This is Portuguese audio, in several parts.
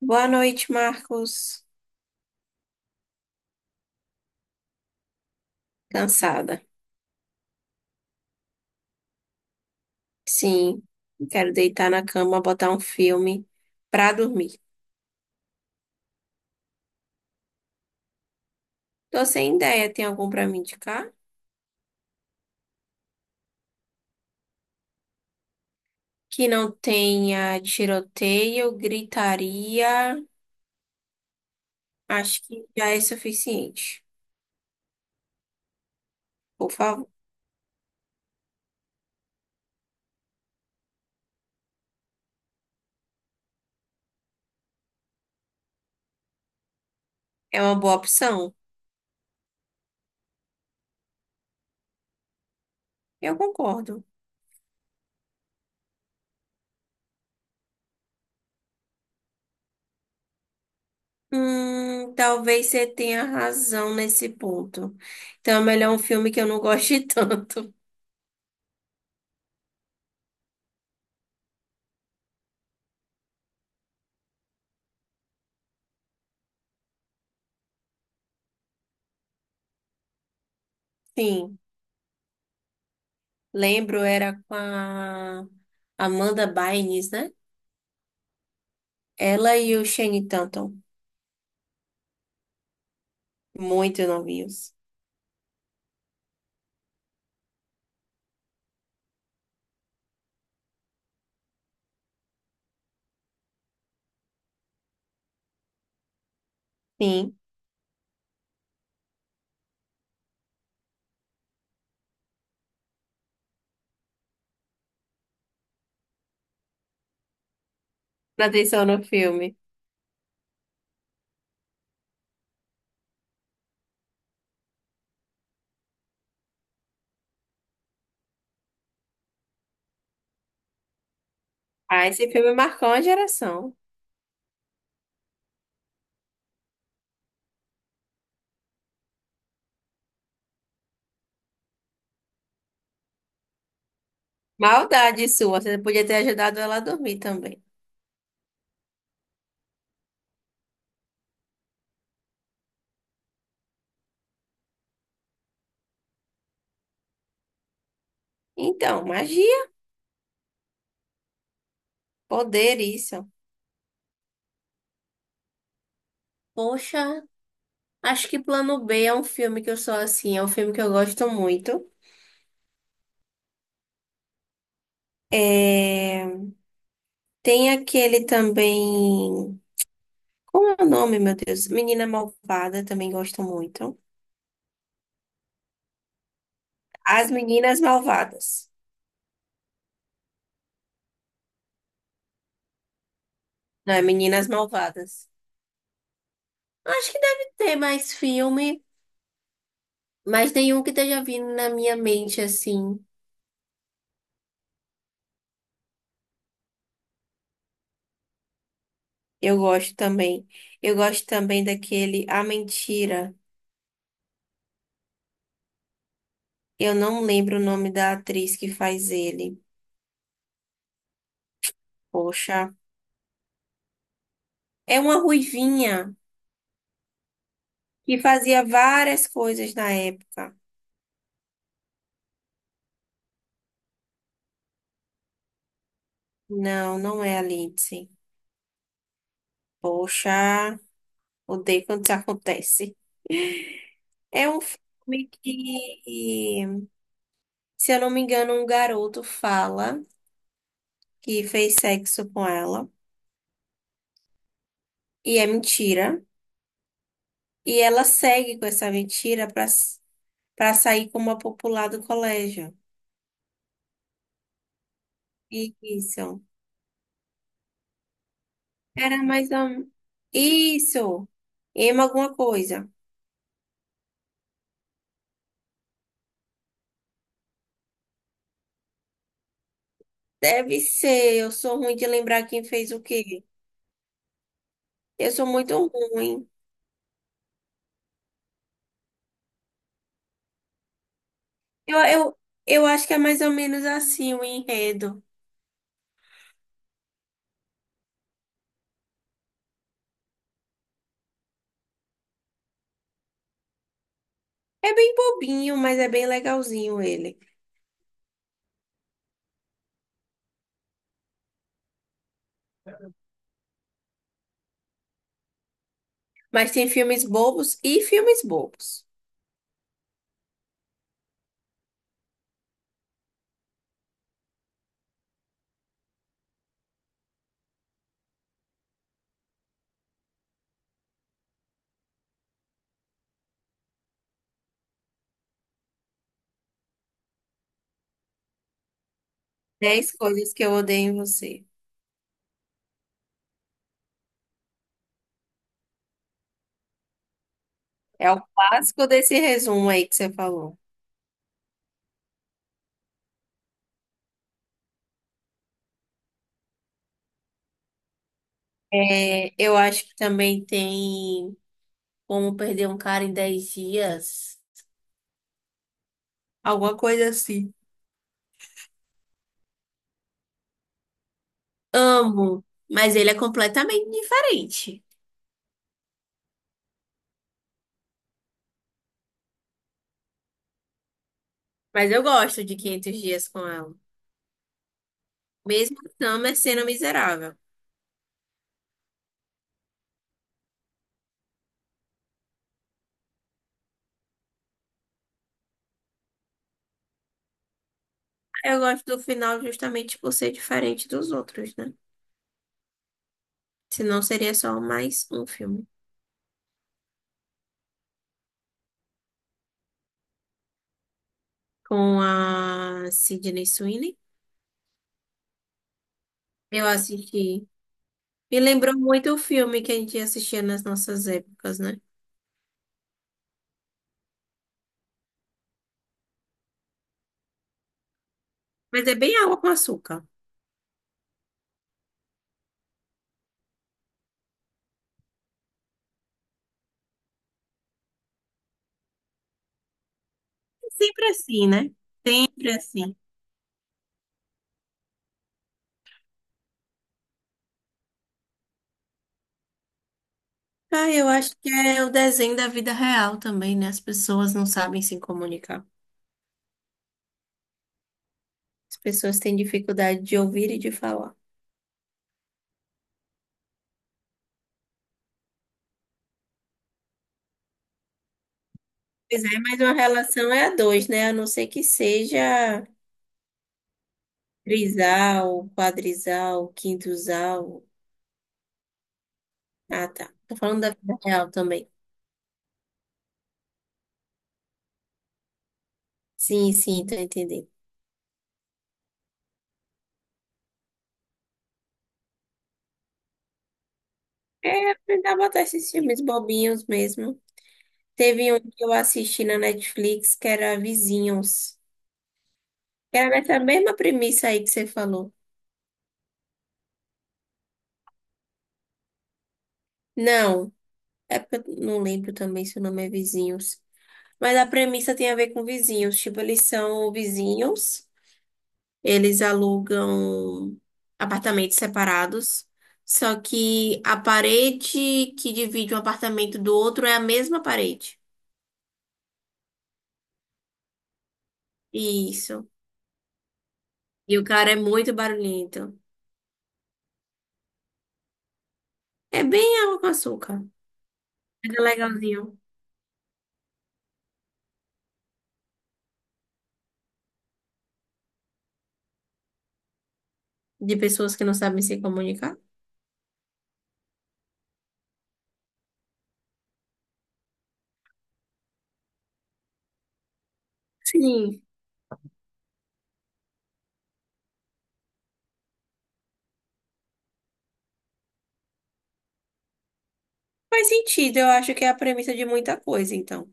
Boa noite, Marcos. Cansada. Sim, quero deitar na cama, botar um filme pra dormir. Tô sem ideia, tem algum pra me indicar? Que não tenha tiroteio, gritaria. Acho que já é suficiente. Por favor, é uma boa opção. Eu concordo. Talvez você tenha razão nesse ponto. Então é melhor um filme que eu não goste tanto. Sim. Lembro, era com a Amanda Bynes, né? Ela e o Shane Tatum, muito novinhos. Sim, presta atenção no filme. Ah, esse filme marcou uma geração. Maldade sua, você podia ter ajudado ela a dormir também. Então, magia, poder, isso. Poxa, acho que Plano B é um filme que eu sou assim, é um filme que eu gosto muito. É... Tem aquele também. Como é o nome, meu Deus? Menina Malvada, também gosto muito. As Meninas Malvadas. Não, é Meninas Malvadas. Eu acho que deve ter mais filme, mas nenhum que esteja vindo na minha mente assim. Eu gosto também. Eu gosto também daquele A Mentira. Eu não lembro o nome da atriz que faz ele. Poxa, é uma ruivinha que fazia várias coisas na época. Não, não é a Lindsay. Poxa, odeio quando isso acontece. É um filme que, se eu não me engano, um garoto fala que fez sexo com ela e é mentira. E ela segue com essa mentira para sair como a popular do colégio. Isso. Era mais um. Isso. Emma alguma coisa. Deve ser. Eu sou ruim de lembrar quem fez o quê. Eu sou muito ruim. Eu, eu, eu acho que é mais ou menos assim o enredo. É bem bobinho, mas é bem legalzinho ele. Mas tem filmes bobos e filmes bobos. 10 coisas que eu odeio em você. É o clássico desse resumo aí que você falou. É, eu acho que também tem como perder um cara em 10 dias. Alguma coisa assim. Amo, mas ele é completamente diferente. Mas eu gosto de 500 dias com ela. Mesmo a Summer sendo miserável. Eu gosto do final justamente por ser diferente dos outros, né? Senão seria só mais um filme. Com a Sydney Sweeney. Eu assisti. Me lembrou muito o filme que a gente assistia nas nossas épocas, né? Mas é bem água com açúcar. É sempre assim, né? Sempre assim. Ah, eu acho que é o desenho da vida real também, né? As pessoas não sabem se comunicar. As pessoas têm dificuldade de ouvir e de falar. Pois é, mas uma relação é a dois, né? A não ser que seja trisal, quadrisal, quintusal. Ah, tá. Tô falando da vida real também. Sim, sim, tô entendendo. É, aprender a botar esses filmes bobinhos mesmo. Teve um que eu assisti na Netflix que era Vizinhos. Era nessa mesma premissa aí que você falou. Não, é porque eu não lembro também se o nome é Vizinhos. Mas a premissa tem a ver com vizinhos. Tipo, eles são vizinhos, eles alugam apartamentos separados. Só que a parede que divide um apartamento do outro é a mesma parede. Isso. E o cara é muito barulhento. É bem água com açúcar. Mas é legalzinho. De pessoas que não sabem se comunicar? Sim, faz sentido. Eu acho que é a premissa de muita coisa, então.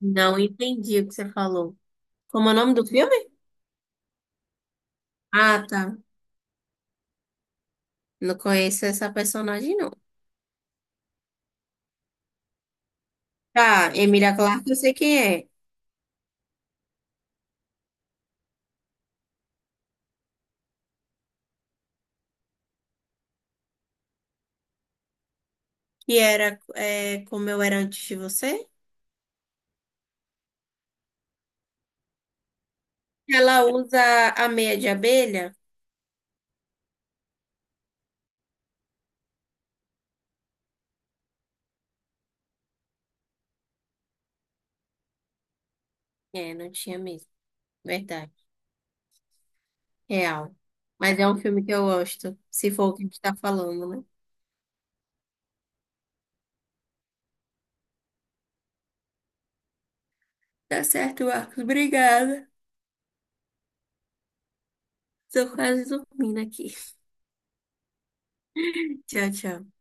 Não entendi o que você falou. Como é o nome do filme? Ah, tá. Não conheço essa personagem, não. Tá, Emilia Clarke, eu sei quem é. Que era é, como eu era antes de você? Ela usa a meia de abelha? É, não tinha mesmo. Verdade. Real. Mas é um filme que eu gosto, se for o que a gente tá falando, né? Tá certo, Marcos. Obrigada. Tô quase dormindo aqui. Tchau, tchau.